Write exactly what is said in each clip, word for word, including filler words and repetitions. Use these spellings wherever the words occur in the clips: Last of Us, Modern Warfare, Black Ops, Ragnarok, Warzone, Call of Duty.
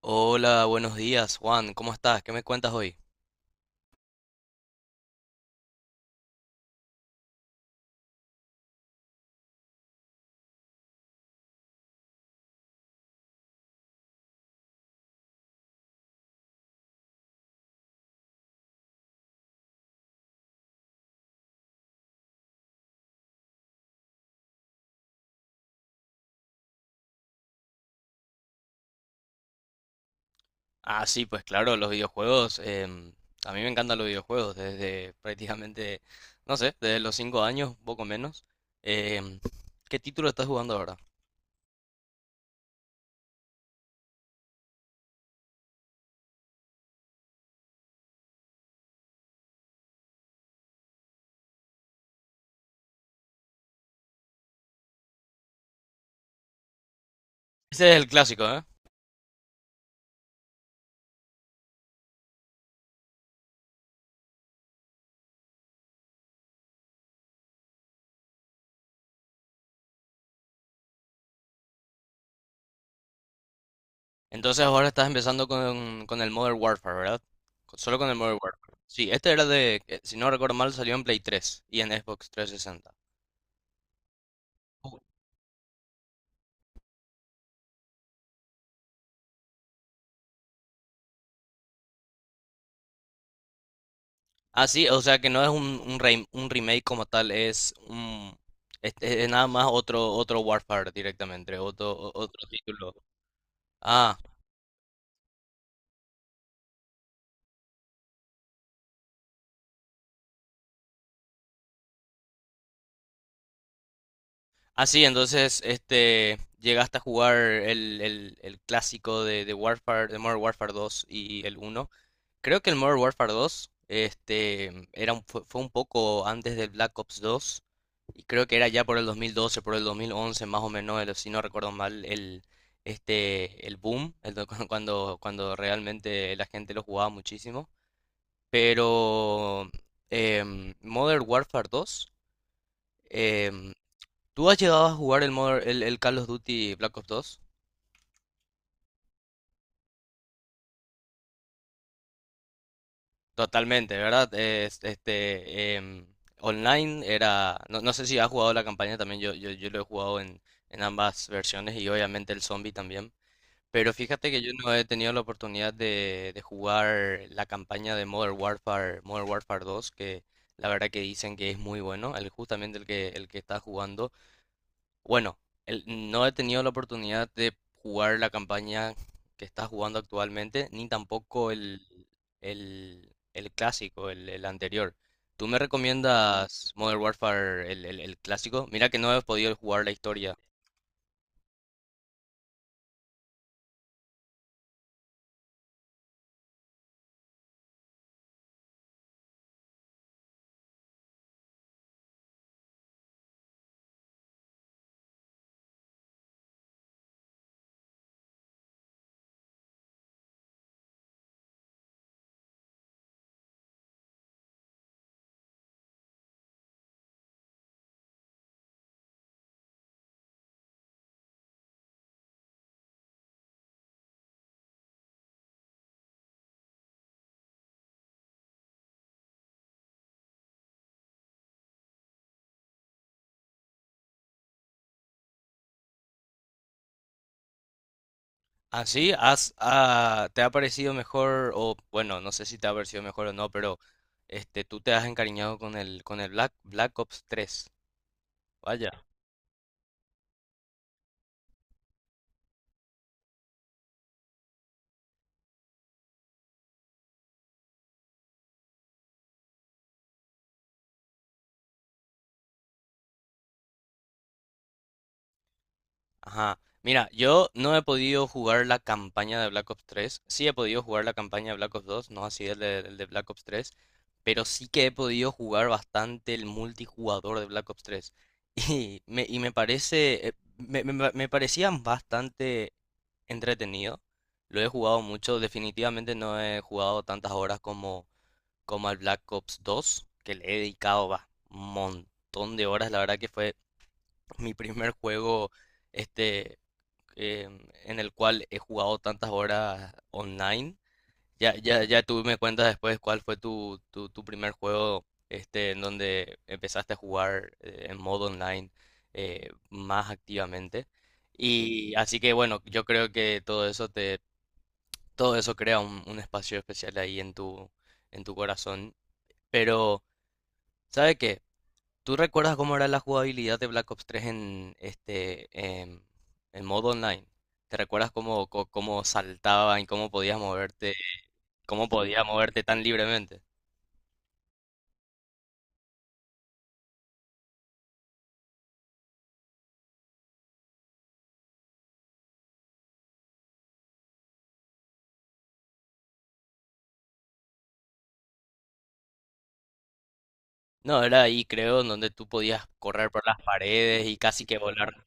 Hola, buenos días, Juan. ¿Cómo estás? ¿Qué me cuentas hoy? Ah, sí, pues claro, los videojuegos. Em, a mí me encantan los videojuegos desde prácticamente, no sé, desde los cinco años, un poco menos. Em, ¿Qué título estás jugando ahora? Ese es el clásico, ¿eh? Entonces ahora estás empezando con, con el Modern Warfare, ¿verdad? Con- Solo con el Modern Warfare. Sí, este era de, eh, si no recuerdo mal, salió en Play tres y en Xbox trescientos sesenta. Ah, sí, o sea que no es un, un, rem- un remake como tal, es un, es, es nada más otro otro Warfare directamente, otro o- otro título. Ah, ah sí, entonces este llegaste a jugar el, el, el clásico de, de Warfare, de Modern Warfare dos y el uno. Creo que el Modern Warfare dos, este, era un- fue, fue un poco antes del Black Ops dos, y creo que era ya por el dos mil doce, por el dos mil once más o menos. El- si no recuerdo mal, el, este, el boom, el do- cuando, cuando realmente la gente lo jugaba muchísimo. Pero em, Modern Warfare dos, em, ¿tú has llegado a jugar el, Modern- el, el Call of Duty Black Ops dos? Totalmente, ¿verdad? Es- este, em, online era, no, no sé si has jugado la campaña también. Yo, yo, yo lo he jugado en, en ambas versiones, y obviamente el zombie también, pero fíjate que yo no he tenido la oportunidad de, de jugar la campaña de Modern Warfare, Modern Warfare dos, que la verdad, que dicen que es muy bueno, el, justamente el que, el que está jugando. Bueno, el- no he tenido la oportunidad de jugar la campaña que está jugando actualmente, ni tampoco el, el, el clásico, el, el anterior. ¿Tú me recomiendas Modern Warfare, el, el- el clásico? Mira que no he podido jugar la historia. ¿Así? ¿Has, ah, ¿te ha parecido mejor? O bueno, no sé si te ha parecido mejor o no, pero este, tú te has encariñado con el, con el Black, Black Ops tres. Vaya. Ajá. Mira, yo no he podido jugar la campaña de Black Ops tres. Sí he podido jugar la campaña de Black Ops dos, no así el de, el de Black Ops tres. Pero sí que he podido jugar bastante el multijugador de Black Ops tres. Y me, y me parece. eh, Me, me, me parecían bastante entretenido. Lo he jugado mucho. Definitivamente no he jugado tantas horas como, como al Black Ops dos, que le he dedicado va, un montón de horas. La verdad que fue mi primer juego. Este, eh, en el cual he jugado tantas horas online. Ya, ya, ya tú me cuentas después cuál fue tu, tu, tu primer juego, este, en donde empezaste a jugar, eh, en modo online, eh, más activamente. Y así que bueno, yo creo que todo eso te, todo eso crea un, un espacio especial ahí en tu, en tu corazón. Pero, ¿sabe qué? ¿Tú recuerdas cómo era la jugabilidad de Black Ops tres en este em, en modo online? ¿Te recuerdas cómo, co- cómo saltaban y cómo podías moverte, cómo podías moverte tan libremente? No, era ahí creo en donde tú podías correr por las paredes y casi que volar.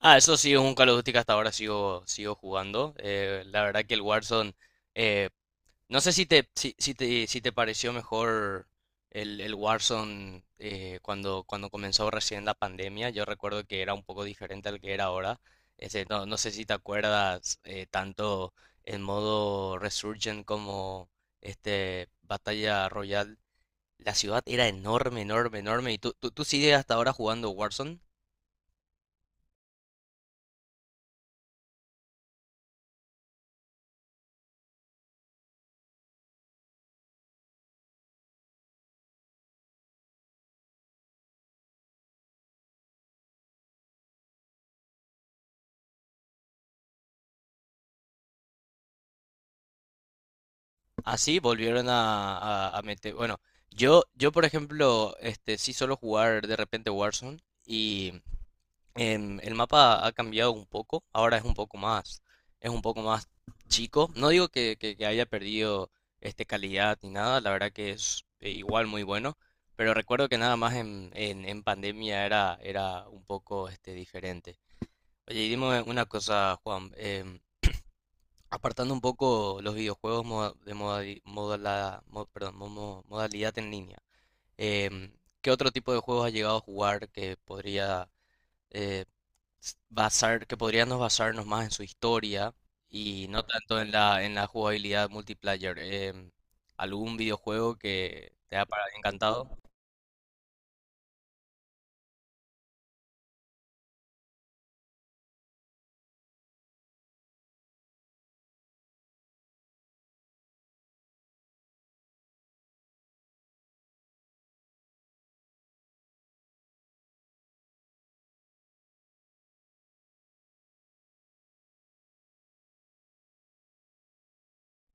Ah, eso sí es un Call of Duty que hasta ahora sigo sigo jugando. Eh, la verdad que el Warzone, eh, no sé si te, si, si te, si te pareció mejor el, el Warzone eh, cuando, cuando comenzó recién la pandemia. Yo recuerdo que era un poco diferente al que era ahora. Ese, no, no sé si te acuerdas, eh, tanto el modo Resurgent como este Batalla Royal. La ciudad era enorme, enorme, enorme. ¿Y tú, tú, tú sigues hasta ahora jugando Warzone? Así volvieron a, a- a meter. Bueno, yo, yo por ejemplo, este, sí suelo jugar de repente Warzone. Em, el mapa ha cambiado un poco, ahora es un poco más, es un poco más chico. No digo que, que- que haya perdido este calidad ni nada, la verdad que es, eh, igual muy bueno, pero recuerdo que nada más en, en- en pandemia era, era un poco este, diferente. Oye, y dime una cosa, Juan, em, apartando un poco los videojuegos, moda- de modali- modala- mo- perdón, mo- mo- modalidad en línea. em, ¿Qué otro tipo de juegos has llegado a jugar que podría, eh, basar, que podríamos basarnos más en su historia y no tanto en la, en la jugabilidad multiplayer? Em, ¿algún videojuego que te ha para- encantado?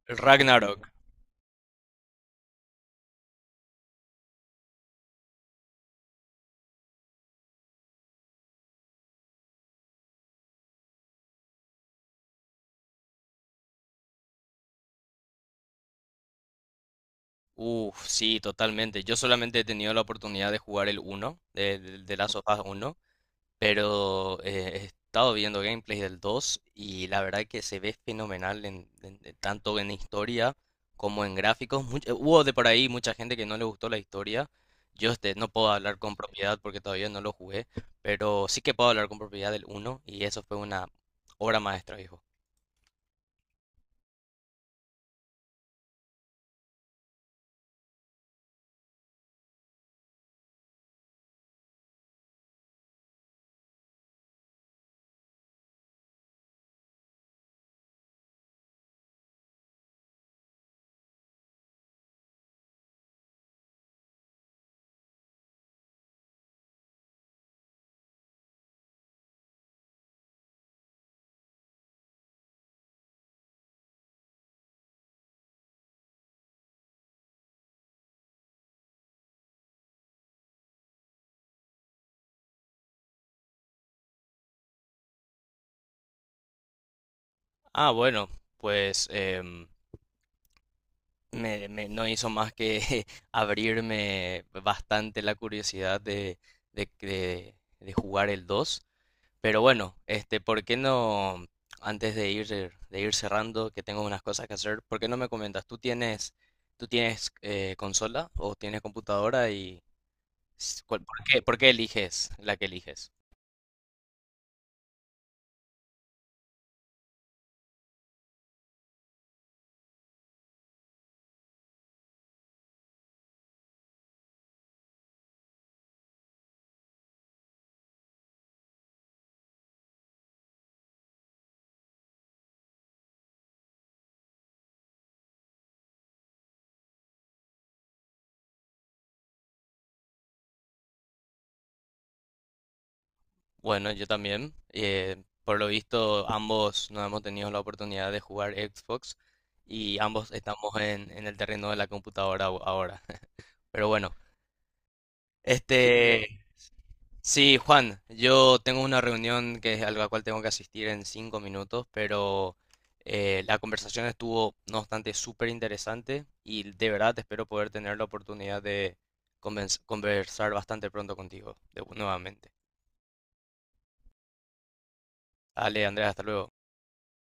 El Ragnarok. Uf, sí, totalmente. Yo solamente he tenido la oportunidad de jugar el uno de, de, de Last of Us uno. Pero eh, he estado viendo gameplays del dos, y la verdad que se ve fenomenal en, en- en tanto en historia como en gráficos. Much- eh, hubo de por ahí mucha gente que no le gustó la historia. Yo este, no puedo hablar con propiedad porque todavía no lo jugué, pero sí que puedo hablar con propiedad del uno, y eso fue una obra maestra, hijo. Ah, bueno, pues em, me, me- no hizo más que abrirme bastante la curiosidad de, de, de de jugar el dos. Pero bueno, este, ¿por qué no, antes de ir, de ir cerrando, que tengo unas cosas que hacer, por qué no me comentas? ¿Tú tienes, tú tienes eh, consola o tienes computadora? Y, s- cuál- por qué, por qué eliges la que eliges? Bueno, yo también. Eh, por lo visto, ambos no hemos tenido la oportunidad de jugar Xbox, y ambos estamos en, en el terreno de la computadora a- ahora. Pero bueno, este, sí, Juan, yo tengo una reunión que es a la cual tengo que asistir en cinco minutos, pero eh, la conversación estuvo, no obstante, súper interesante, y de verdad espero poder tener la oportunidad de convenz- conversar bastante pronto contigo, de- nuevamente. Dale, Andrea, hasta luego.